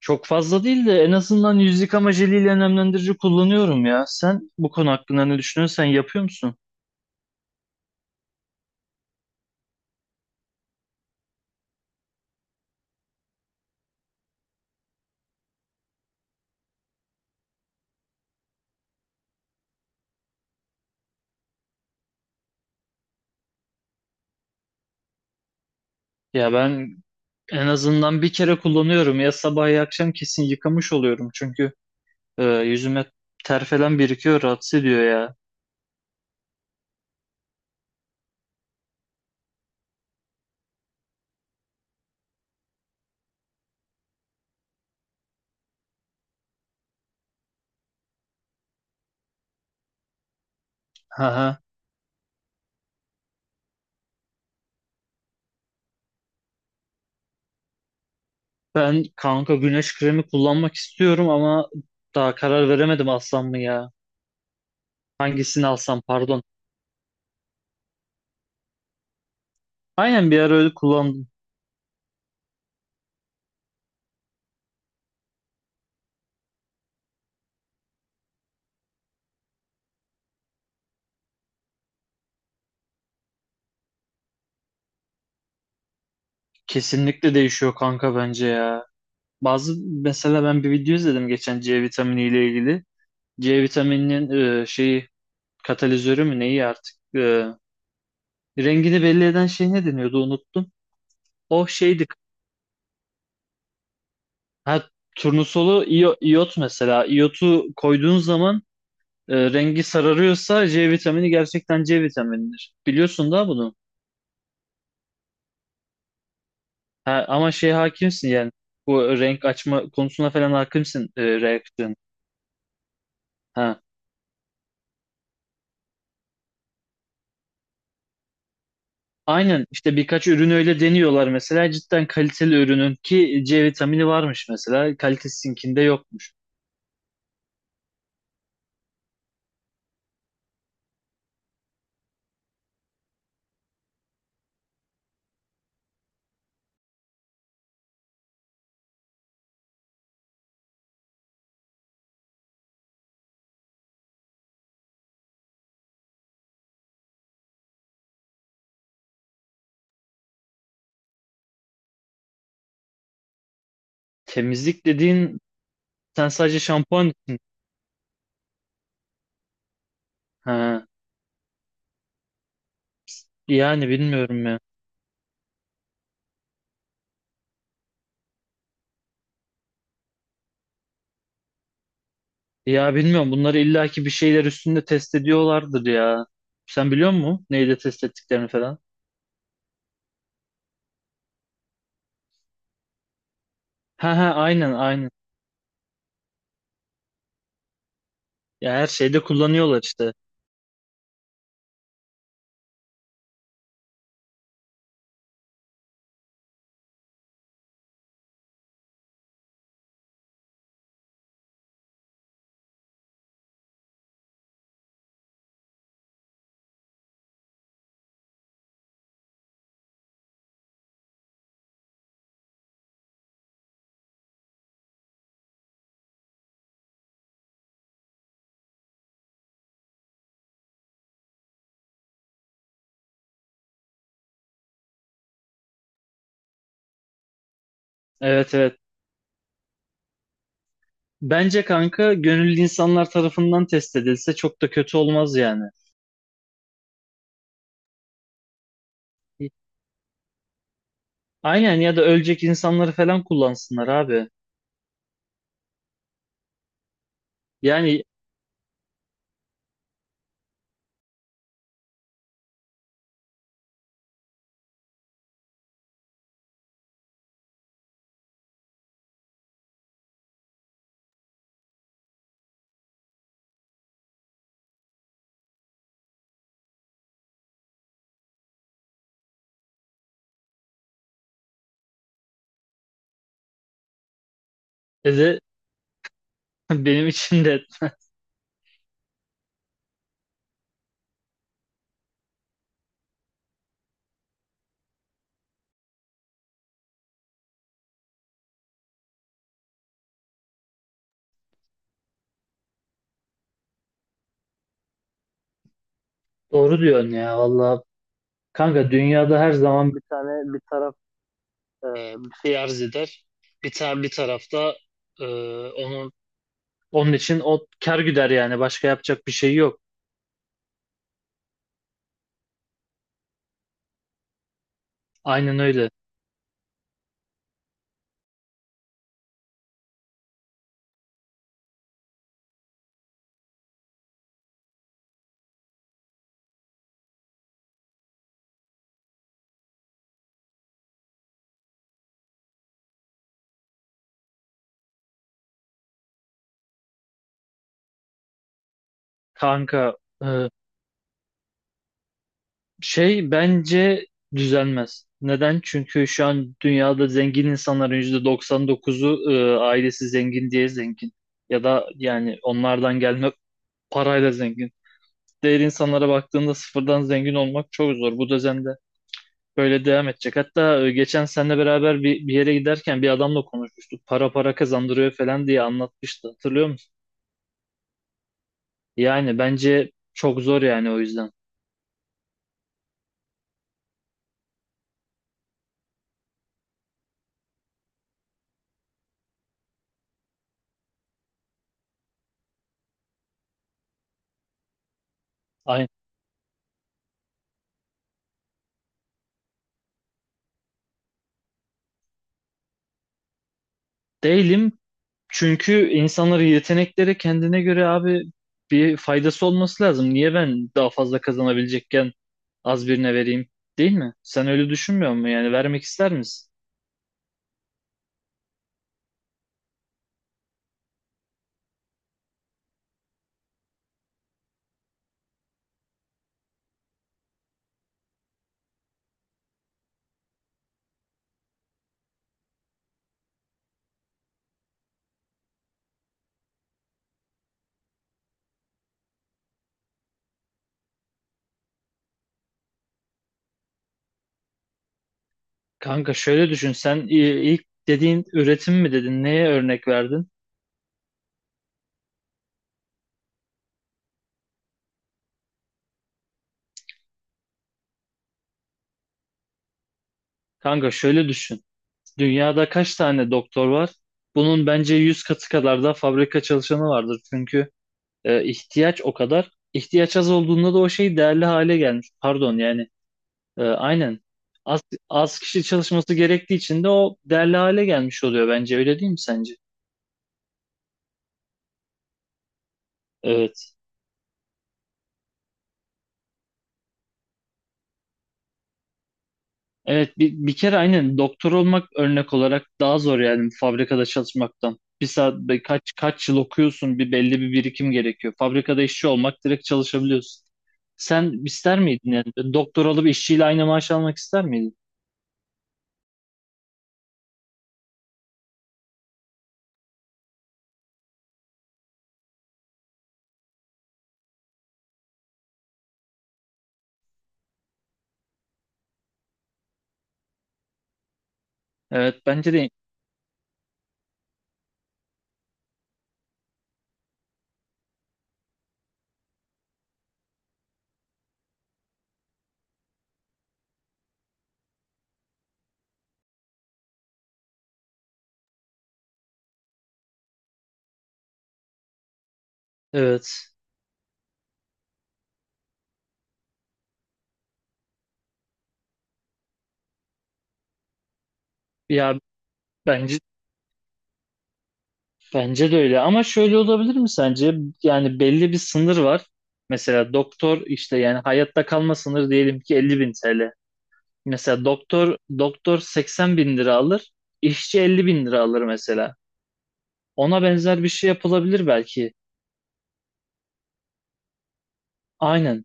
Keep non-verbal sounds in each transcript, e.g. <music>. Çok fazla değil de en azından yüz yıkama jeliyle nemlendirici kullanıyorum ya. Sen bu konu hakkında ne düşünüyorsun? Sen yapıyor musun? Ya ben en azından bir kere kullanıyorum. Ya sabah ya akşam kesin yıkamış oluyorum. Çünkü yüzüme ter falan birikiyor, rahatsız ediyor ya. Haha. Ben kanka güneş kremi kullanmak istiyorum ama daha karar veremedim alsam mı ya? Hangisini alsam pardon. Aynen bir ara öyle kullandım. Kesinlikle değişiyor kanka bence ya. Bazı mesela ben bir video izledim geçen C vitamini ile ilgili. C vitamininin şeyi katalizörü mü neyi artık rengini belli eden şey ne deniyordu unuttum. O şeydi. Ha, turnusolu iyot mesela. İyotu koyduğun zaman rengi sararıyorsa C vitamini gerçekten C vitaminidir. Biliyorsun da bunu. Ha, ama şey hakimsin yani. Bu renk açma konusuna falan hakimsin, reaksiyon. Aynen işte birkaç ürün öyle deniyorlar mesela cidden kaliteli ürünün ki C vitamini varmış mesela kalitesizinkinde yokmuş. Temizlik dediğin sen sadece şampuan için. Ha, yani bilmiyorum ya. Ya bilmiyorum bunları illaki bir şeyler üstünde test ediyorlardır ya. Sen biliyor musun neyle test ettiklerini falan? Ha ha, aynen aynen. Ya her şeyde kullanıyorlar işte. Evet evet. Bence kanka gönüllü insanlar tarafından test edilse çok da kötü olmaz yani. Aynen ya da ölecek insanları falan kullansınlar abi. Yani dedi <laughs> benim için de doğru diyorsun ya valla. Kanka dünyada her zaman bir tane bir taraf e, bir şey arz eder. Bir tane bir tarafta e, onun onun için o kar güder yani başka yapacak bir şey yok. Aynen öyle. Kanka e, şey bence düzelmez. Neden? Çünkü şu an dünyada zengin insanların %99'u ailesi zengin diye zengin. Ya da yani onlardan gelme parayla zengin. Diğer insanlara baktığında sıfırdan zengin olmak çok zor. Bu düzende böyle devam edecek. Hatta geçen seninle beraber bir yere giderken bir adamla konuşmuştuk. Para kazandırıyor falan diye anlatmıştı. Hatırlıyor musun? Yani bence çok zor yani o yüzden. Aynen. Değilim. Çünkü insanların yetenekleri kendine göre abi bir faydası olması lazım. Niye ben daha fazla kazanabilecekken az birine vereyim? Değil mi? Sen öyle düşünmüyor musun? Yani vermek ister misin? Kanka şöyle düşün. İlk dediğin üretim mi dedin? Neye örnek verdin? Kanka şöyle düşün. Dünyada kaç tane doktor var? Bunun bence 100 katı kadar da fabrika çalışanı vardır. Çünkü ihtiyaç o kadar. İhtiyaç az olduğunda da o şey değerli hale gelmiş. Pardon yani aynen. Az, az kişi çalışması gerektiği için de o değerli hale gelmiş oluyor bence. Öyle değil mi sence? Evet. Evet bir kere aynen doktor olmak örnek olarak daha zor yani fabrikada çalışmaktan. Kaç yıl okuyorsun, bir belli bir birikim gerekiyor. Fabrikada işçi olmak direkt çalışabiliyorsun. Sen ister miydin yani doktor olup işçiyle aynı maaş almak ister miydin? Evet bence de evet. Ya bence bence de öyle ama şöyle olabilir mi sence? Yani belli bir sınır var. Mesela doktor işte yani hayatta kalma sınırı diyelim ki 50 bin TL. Mesela doktor 80 bin lira alır, işçi 50 bin lira alır mesela. Ona benzer bir şey yapılabilir belki. Aynen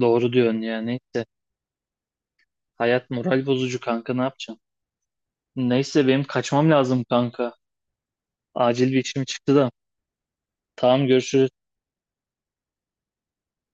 doğru diyorsun yani neyse. Hayat moral bozucu kanka ne yapacağım? Neyse benim kaçmam lazım kanka. Acil bir işim çıktı da. Tamam görüşürüz.